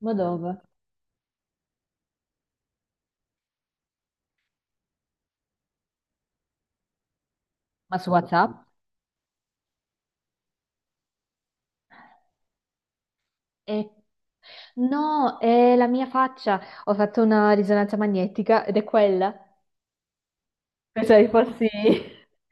Ma dove? Ma su WhatsApp? Eh, no, è la mia faccia. Ho fatto una risonanza magnetica ed è quella. Pensavi fossi...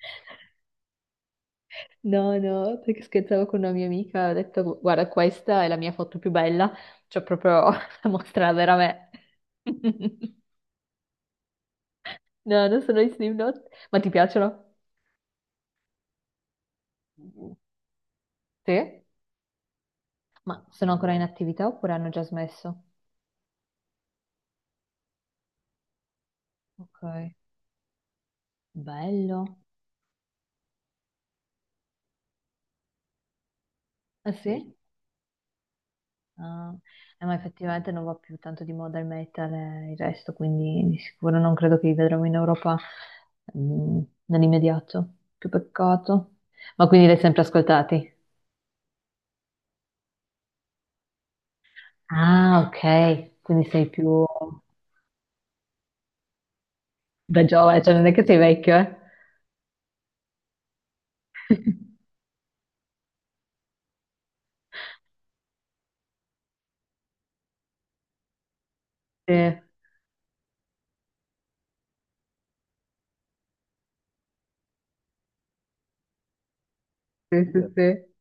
No, no, perché scherzavo con una mia amica, ho detto, "Gu- guarda, questa è la mia foto più bella. Cioè, proprio la mostra la vera me. No, non sono i Slipknot. Ma ti piacciono? Sì? Ma sono ancora in attività oppure hanno già smesso? Ok, bello. Ah sì? Ah, ma effettivamente non va più tanto di moda il metal e il resto, quindi di sicuro non credo che li vedremo in Europa mm, nell'immediato. Che peccato. Ma quindi li hai sempre ascoltati? Ah, ok, quindi sei più da giovane, cioè non è che sei vecchio, eh? Sì. Sì, sì, sì.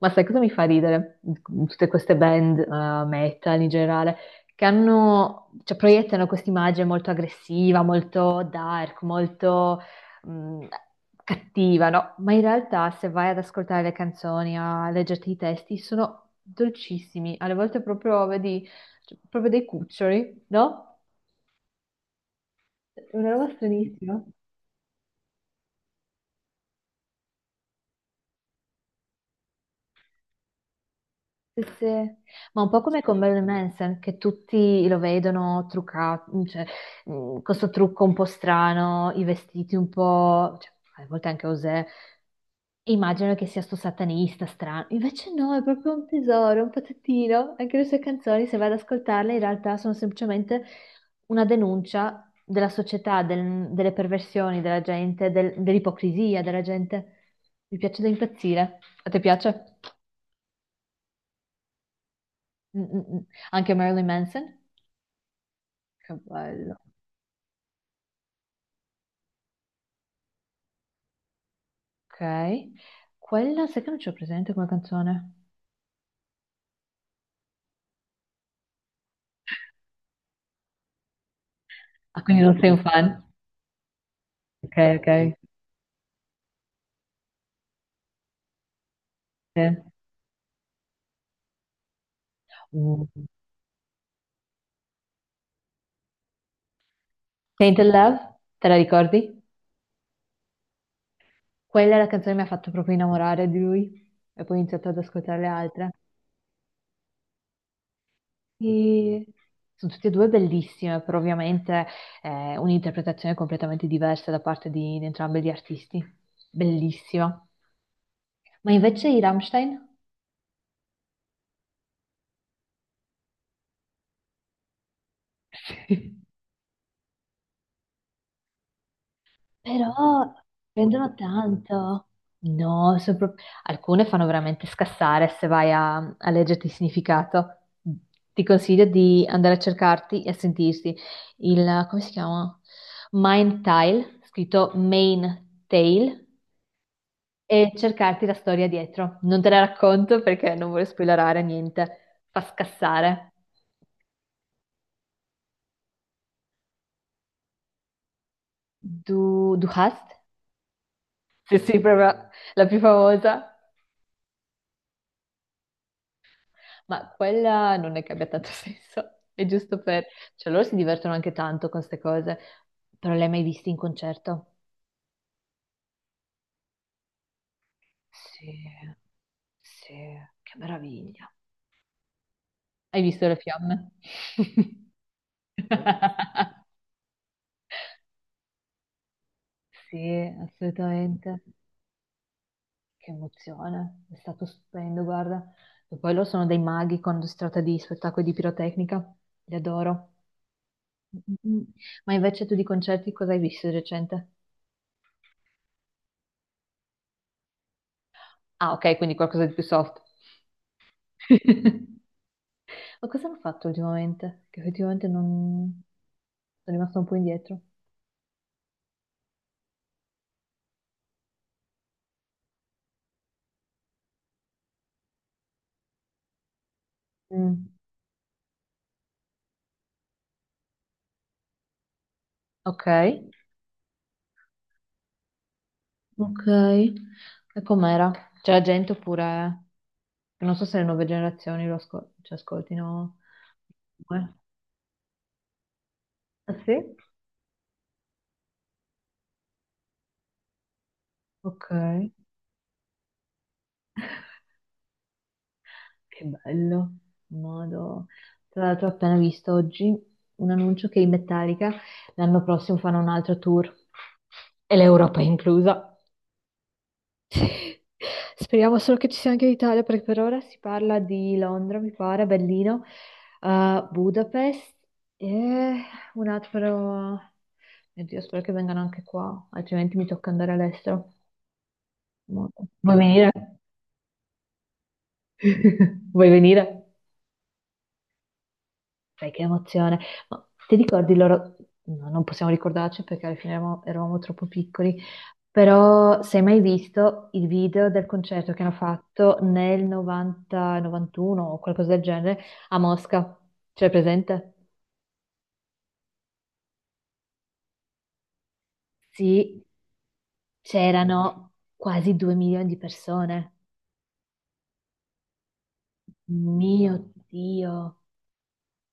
Ma sai cosa mi fa ridere? Tutte queste band, metal in generale, che hanno, cioè, proiettano questa immagine molto aggressiva, molto dark, molto mh, cattiva, no? Ma in realtà, se vai ad ascoltare le canzoni, a leggerti i testi, sono dolcissimi. Alle volte proprio vedi, cioè, proprio dei cuccioli, no? È una roba stranissima. Sì, sì. Ma un po' come con Marilyn Manson, che tutti lo vedono truccato, cioè, con questo trucco un po' strano, i vestiti un po', cioè, a volte anche Osè, immagino che sia sto satanista strano, invece no, è proprio un tesoro, un pezzettino, anche le sue canzoni, se vado ad ascoltarle, in realtà sono semplicemente una denuncia della società, del- delle perversioni della gente, del- dell'ipocrisia della gente. Mi piace da impazzire. A te piace? Mm, mm, mm. Anche Marilyn Manson? Che bello. Ok. Quella sai che non ce l'ho presente come canzone? Ah, quindi non sei un fan? Ok, ok. Sì. Mm. Tainted Love, te la ricordi? Quella è la canzone che mi ha fatto proprio innamorare di lui e poi ho iniziato ad ascoltare le altre. E sono tutte e due bellissime, però ovviamente è un'interpretazione completamente diversa da parte di entrambi gli artisti. Bellissima. Ma invece i Rammstein? Però prendono tanto. No, sono pro- alcune fanno veramente scassare se vai a, a leggerti il significato. Ti consiglio di andare a cercarti e a sentirsi il, come si chiama? Mind Tile, scritto Main Tale, e cercarti la storia dietro. Non te la racconto perché non voglio spoilerare niente. Fa scassare. Du, Du hast? Sì, sì, proprio la più famosa. Ma quella non è che abbia tanto senso, è giusto per... Cioè loro si divertono anche tanto con queste cose, però le hai mai viste in concerto? Sì, sì, che meraviglia. Hai visto le fiamme? Sì, assolutamente. Che emozione, è stato stupendo, guarda. E poi loro sono dei maghi quando si tratta di spettacoli di pirotecnica, li adoro. Mm, mm, mm. Ma invece tu di concerti cosa hai visto di recente? Ah, ok, quindi qualcosa di più soft. Ma cosa hanno fatto ultimamente? Che effettivamente non... sono rimasto un po' indietro. Mm. Ok, ok. E com'era? C'è la gente oppure... Non so se le nuove generazioni lo ascol- ci ascoltino. Eh. Ah sì? Ok, che bello. Modo. Tra l'altro ho appena visto oggi un annuncio che i Metallica l'anno prossimo fanno un altro tour e l'Europa è inclusa. Speriamo solo che ci sia anche l'Italia, perché per ora si parla di Londra, mi pare, Berlino, Budapest e un altro... Mio Dio, spero che vengano anche qua, altrimenti mi tocca andare all'estero. Molto. Vuoi venire? Vuoi venire? Sai che emozione. Ma ti ricordi loro? No, non possiamo ricordarci perché alla fine eravamo, eravamo troppo piccoli, però se hai mai visto il video del concerto che hanno fatto nel 90, 91 o qualcosa del genere a Mosca? C'è presente? Sì, c'erano quasi due milioni di persone. Mio Dio,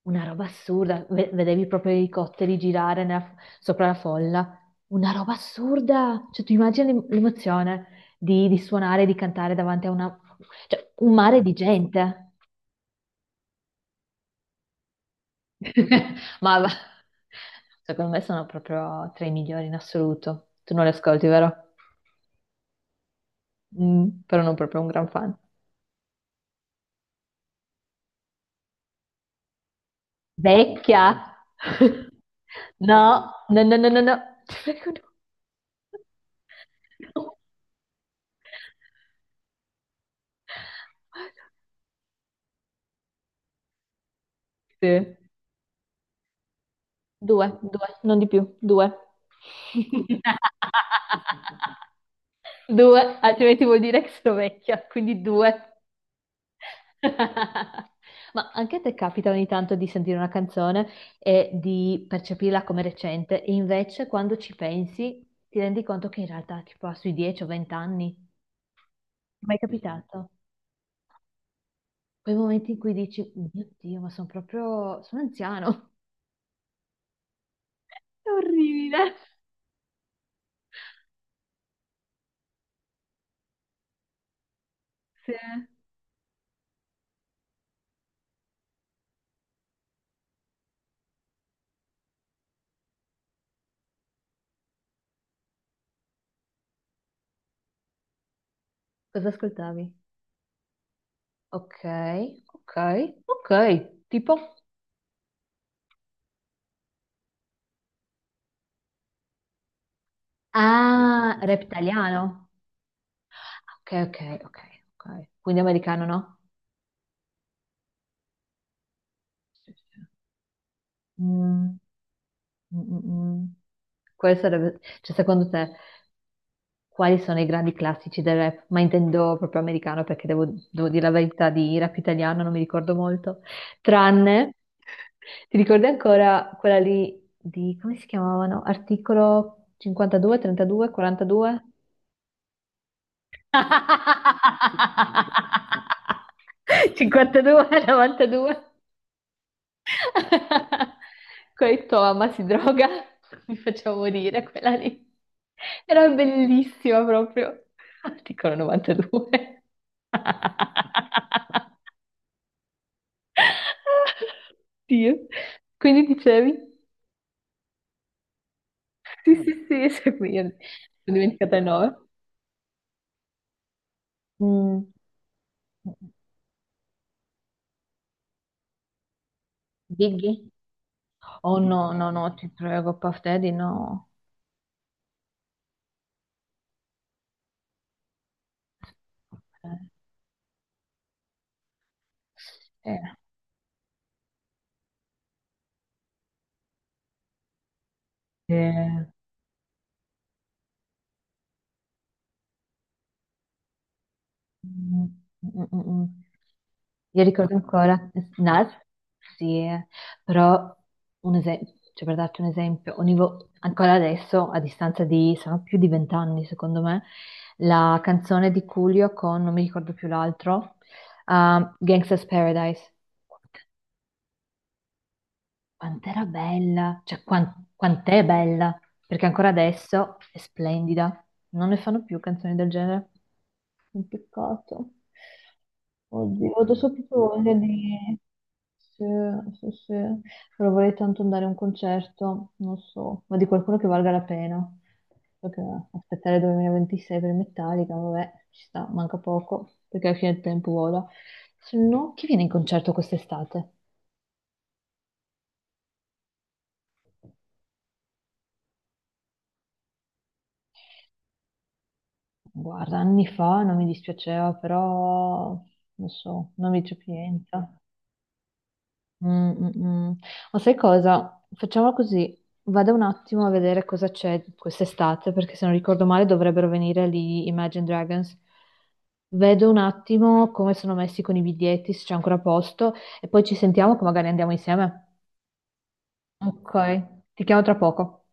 Una roba assurda, ve- vedevi proprio i elicotteri girare nella- sopra la folla. Una roba assurda! Cioè, tu immagini l'em- l'emozione di suonare, di cantare davanti a una... cioè, un mare di gente. Ma va- secondo me sono proprio tra i migliori in assoluto. Tu non li ascolti, vero? Mm, però non proprio un gran fan. Vecchia! No, no, no, no, no, no. Ti prego, no. No. Sì. Due, due, non di più, due. Due, altrimenti vuol dire che sono vecchia, quindi due. Ma anche a te capita ogni tanto di sentire una canzone e di percepirla come recente, e invece quando ci pensi ti rendi conto che in realtà tipo ha sui 10 o 20 anni. Ti è mai capitato? Quei momenti in cui dici, mio Dio, ma sono proprio... sono anziano. È orribile. Sì. Cosa ascoltavi? Ok, ok, ok, tipo? Ah, reptiliano. Ok, ok, ok, ok. Quindi americano, no? Sì, sì. Mm, mm, mm, mm. Quale sarebbe, cioè secondo te, quali sono i grandi classici del rap? Ma intendo proprio americano perché devo, devo dire la verità di rap italiano, non mi ricordo molto. Tranne, ti ricordi ancora quella lì di, come si chiamavano? Articolo 52, 32, 42? 52, 92. Quella di tua mamma si droga, mi faceva morire quella lì. Era bellissima proprio. Articolo 92. Dio. Quindi dicevi? Sì, sì, sì, sì, qui io- mi sono dimenticata il nome. Mm. Biggie? Oh no, no, no, ti prego, Puff Daddy, no. Eh, eh, mm, mm, mm, mm. Io ricordo ancora Nas, sì, però un esempio, cioè per darti un esempio, ogni vo- ancora adesso, a distanza di, sono più di 20 anni secondo me, la canzone di Coolio con, non mi ricordo più l'altro, Gangsta's Paradise. Quant'era bella, cioè quan- quant'è bella, perché ancora adesso è splendida. Non ne fanno più canzoni del genere. Un peccato. Oddio, ho adesso ho proprio voglia di... Sì, sì, sì. Però vorrei tanto andare a un concerto, non so, ma di qualcuno che valga la pena. Perché aspettare 2026 per Metallica, vabbè, ci sta, manca poco, perché alla fine il tempo vola. Se no, chi viene in concerto quest'estate? Guarda, anni fa non mi dispiaceva, però non so, non mi c'è più niente. Mm, mm, mm. Ma sai cosa? Facciamo così, vado un attimo a vedere cosa c'è quest'estate, perché se non ricordo male dovrebbero venire lì Imagine Dragons. Vedo un attimo come sono messi con i biglietti, se c'è ancora posto, e poi ci sentiamo che magari andiamo insieme. Ok, ti chiamo tra poco.